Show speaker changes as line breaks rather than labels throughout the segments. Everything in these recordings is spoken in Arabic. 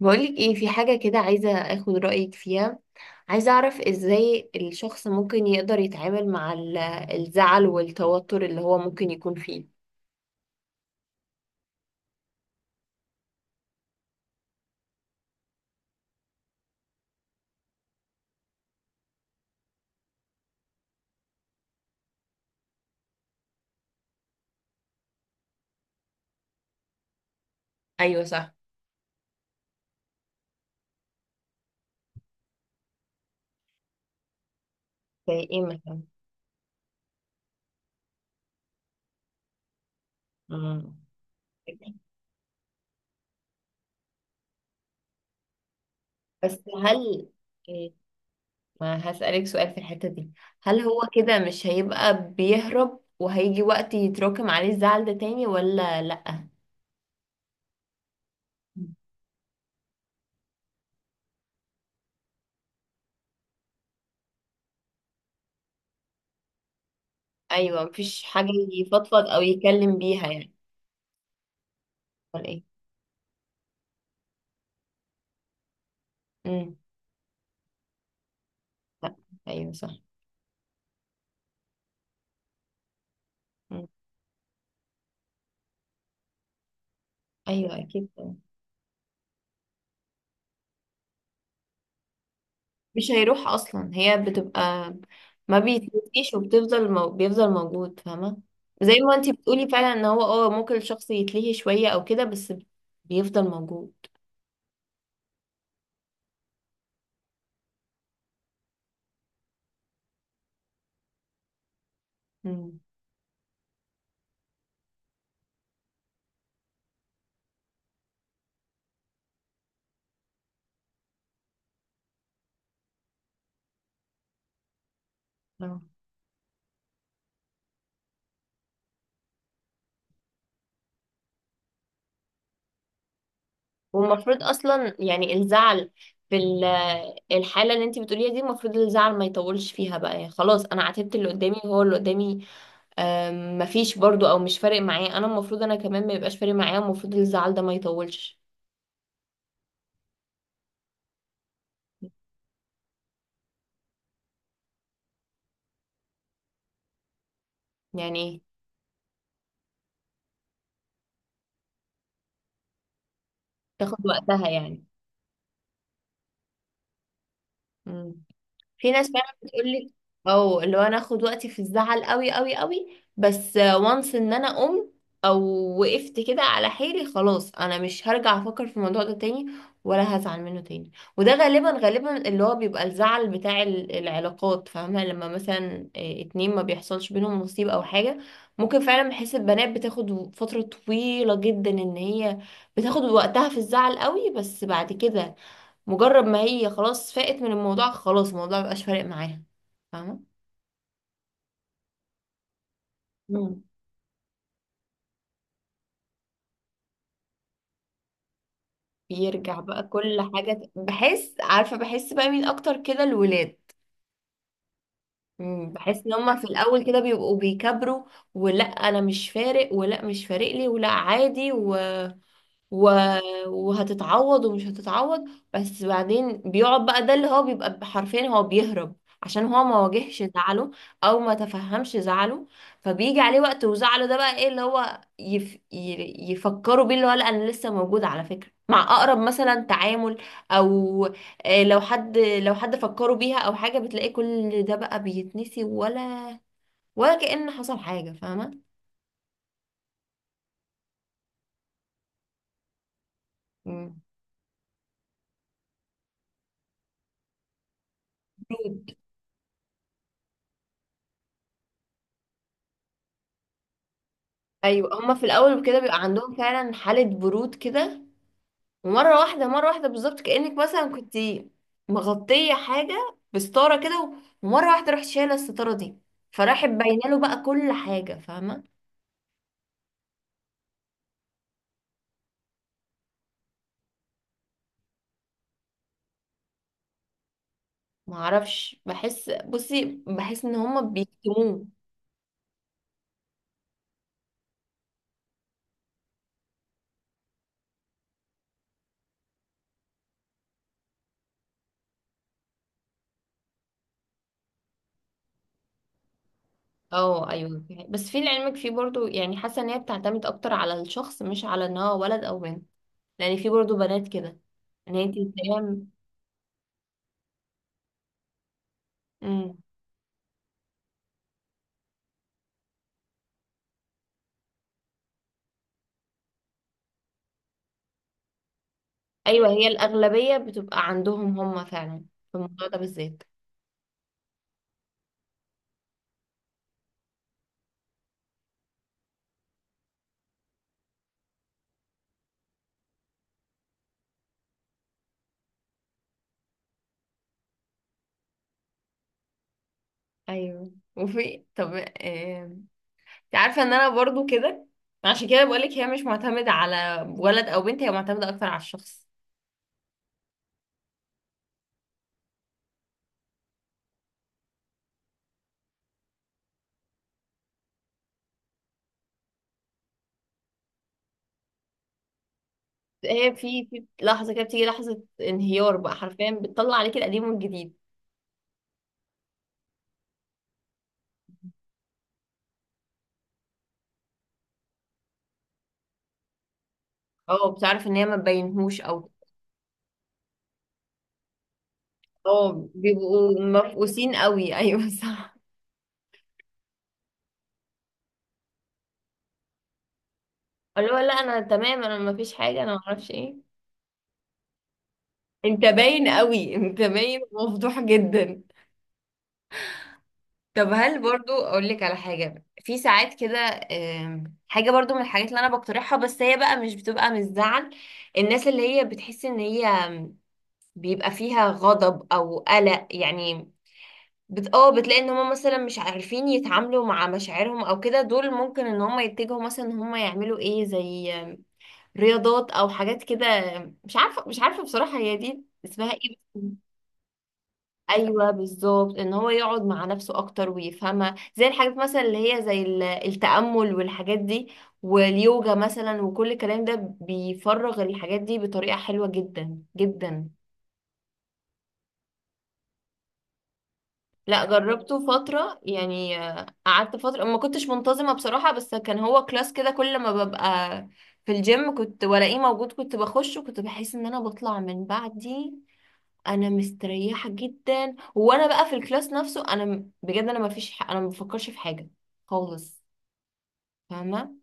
بقولك ايه في حاجة كده عايزة اخد رأيك فيها. عايزة اعرف ازاي الشخص ممكن يقدر يتعامل مع الزعل والتوتر اللي هو ممكن يكون فيه. ايوه، صح. زي ايه مثلا؟ مم. بس هل إيه، ما هسألك سؤال في الحتة دي. هل هو كده مش هيبقى بيهرب وهيجي وقت يتراكم عليه الزعل ده تاني ولا لأ؟ مم. ايوه، مفيش حاجة. يفضفض او يتكلم بيها يعني. ولا ايه؟ مم. لأ. ايوه، صح. مم. ايوه، اكيد. مش هيروح اصلا، هي بتبقى ما بيتنسيش وبتفضل بيفضل موجود، فاهمه. زي ما انتي بتقولي فعلا ان هو ممكن الشخص يتلهي شويه او كده، بس بيفضل موجود. مم. آه. والمفروض اصلا يعني الزعل في الحاله اللي انتي بتقوليها دي، المفروض الزعل ما يطولش فيها بقى، يعني خلاص انا عاتبت اللي قدامي هو اللي قدامي. مفيش برضو او مش فارق معاه، انا المفروض انا كمان ما يبقاش فارق معايا، المفروض الزعل ده ما يطولش يعني. تاخد وقتها يعني. مم. في ناس فعلا بتقول لك، او اللي هو انا اخد وقتي في الزعل قوي قوي قوي، بس وانس ان انا قمت او وقفت كده على حيلي، خلاص انا مش هرجع افكر في الموضوع ده تاني ولا هزعل منه تاني. وده غالبا غالبا اللي هو بيبقى الزعل بتاع العلاقات، فاهمة؟ لما مثلا اتنين ما بيحصلش بينهم نصيب او حاجة. ممكن فعلا بحس البنات بتاخد فترة طويلة جدا ان هي بتاخد وقتها في الزعل قوي، بس بعد كده مجرد ما هي خلاص فاقت من الموضوع، خلاص الموضوع مبقاش فارق معاها، فاهمة. مم. بيرجع بقى كل حاجة بحس، عارفة، بحس بقى مين أكتر كده، الولاد. بحس إن هما في الأول كده بيبقوا بيكبروا، ولا أنا مش فارق، ولا مش فارق لي، ولا عادي و... وهتتعوض ومش هتتعوض. بس بعدين بيقعد بقى ده اللي هو بيبقى حرفيا هو بيهرب، عشان هو ما واجهش زعله او ما تفهمش زعله. فبيجي عليه وقت وزعله ده بقى ايه، اللي هو يفكروا بيه، اللي هو لا انا لسه موجود على فكرة، مع اقرب مثلا تعامل، او لو حد فكروا بيها او حاجة، بتلاقيه كل ده بقى بيتنسي ولا كأن حصل حاجة، فاهمة. مم. ايوه، هما في الاول كده بيبقى عندهم فعلا حاله برود كده. ومره واحده مره واحده بالظبط، كانك مثلا كنت مغطيه حاجه بستاره كده، ومره واحده رحت شايله الستاره دي، فراحت باينه له بقى كل حاجه، فاهمه. ما اعرفش، بحس، بصي بحس ان هما بيكتموه. اه ايوه، بس في لعلمك في برضو، يعني حاسه ان هي بتعتمد اكتر على الشخص، مش على ان هو ولد او بنت. لان في برضو بنات كده ان هي تتهام. ايوه، هي الاغلبيه بتبقى عندهم هم فعلا في الموضوع ده بالذات. ايوه، وفي طب انت عارفه ان انا برضو كده. عشان كده بقولك هي مش معتمده على ولد او بنت، هي معتمده اكتر على الشخص. هي في لحظه كده بتيجي لحظه انهيار بقى، حرفيا بتطلع عليك القديم والجديد. اه، بتعرف ان هي ما تبينهوش او. اه، بيبقوا مفقوسين قوي ايوه، صح. اللي هو لا انا تمام، انا ما فيش حاجه، انا ما اعرفش ايه. انت باين قوي، انت باين ومفضوح جدا. طب هل برضو اقول لك على حاجه؟ في ساعات كده حاجه برضو من الحاجات اللي انا بقترحها، بس هي بقى مش بتبقى من الزعل. الناس اللي هي بتحس ان هي بيبقى فيها غضب او قلق يعني، بت... اه بتلاقي ان هم مثلا مش عارفين يتعاملوا مع مشاعرهم او كده، دول ممكن ان هم يتجهوا مثلا ان هم يعملوا ايه، زي رياضات او حاجات كده. مش عارفه بصراحه هي دي اسمها ايه. ايوه، بالظبط، ان هو يقعد مع نفسه اكتر ويفهمها، زي الحاجات مثلا اللي هي زي التأمل والحاجات دي، واليوجا مثلا، وكل الكلام ده بيفرغ الحاجات دي بطريقة حلوة جدا جدا. لا، جربته فترة يعني، قعدت فترة ما كنتش منتظمة بصراحة، بس كان هو كلاس كده كل ما ببقى في الجيم كنت ولاقيه موجود كنت بخش، وكنت بحس ان انا بطلع من بعدي انا مستريحه جدا. وانا بقى في الكلاس نفسه انا بجد انا ما فيش ح... انا ما بفكرش في حاجه خالص، فاهمه.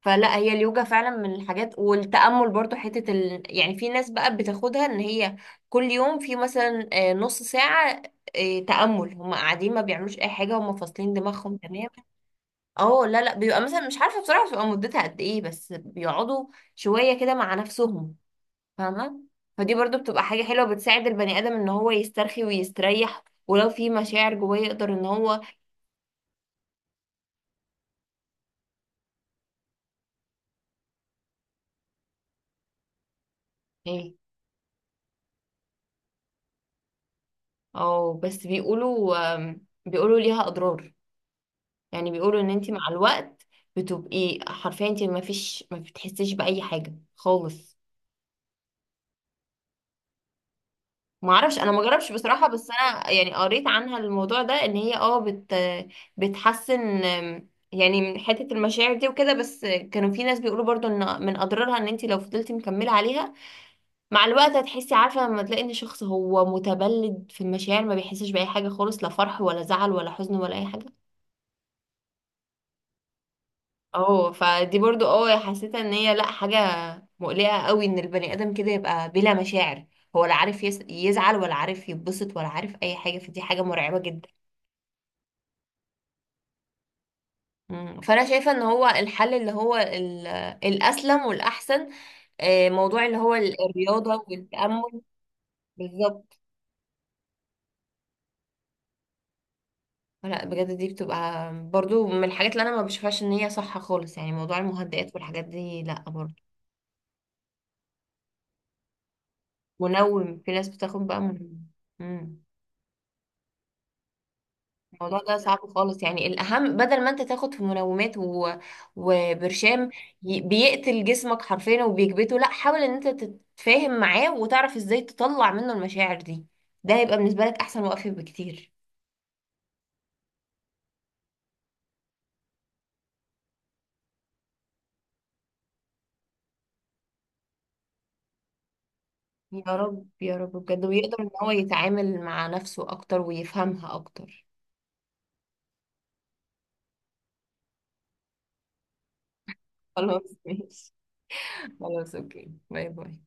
فلا، هي اليوجا فعلا من الحاجات، والتامل برضو، حته يعني في ناس بقى بتاخدها ان هي كل يوم في مثلا نص ساعه تامل، هم قاعدين ما بيعملوش اي حاجه، هم فاصلين دماغهم تماما. اه، لا لا، بيبقى مثلا مش عارفه بصراحه بتبقى مدتها قد ايه، بس بيقعدوا شويه كده مع نفسهم، فاهمة. فدي برضو بتبقى حاجة حلوة، بتساعد البني آدم ان هو يسترخي ويستريح، ولو في مشاعر جواه يقدر ان هو ايه. اه، بس بيقولوا ليها أضرار. يعني بيقولوا ان انت مع الوقت بتبقي حرفيا انت ما بتحسيش بأي حاجة خالص. ما اعرفش، انا ما جربش بصراحة، بس انا يعني قريت عنها الموضوع ده، ان هي اه بت بتحسن يعني من حتة المشاعر دي وكده، بس كانوا في ناس بيقولوا برضو ان من اضرارها ان انت لو فضلتي مكملة عليها مع الوقت هتحسي، عارفة لما تلاقي ان شخص هو متبلد في المشاعر، ما بيحسش بأي حاجة خالص، لا فرح ولا زعل ولا حزن ولا أي حاجة. اه، فدي برضو حسيت ان هي لا، حاجة مقلقة قوي ان البني آدم كده يبقى بلا مشاعر، هو لا عارف يزعل، ولا عارف يتبسط، ولا عارف أي حاجة، فدي حاجة مرعبة جدا. مم. فأنا شايفة ان هو الحل اللي هو الأسلم والأحسن، موضوع اللي هو الرياضة والتأمل. بالظبط. لا بجد، دي بتبقى برضو من الحاجات اللي انا ما بشوفهاش ان هي صح خالص، يعني موضوع المهدئات والحاجات دي لا برضو. في ناس بتاخد بقى منوم. مم. الموضوع ده صعب خالص، يعني الاهم بدل ما انت تاخد في منومات وبرشام بيقتل جسمك حرفيا وبيكبته، لا، حاول ان انت تتفاهم معاه وتعرف ازاي تطلع منه المشاعر دي، ده هيبقى بالنسبة لك احسن وقفة بكتير. يا رب يا رب بجد، ويقدر ان هو يتعامل مع نفسه اكتر ويفهمها اكتر. خلاص، ماشي. خلاص، اوكي، باي باي.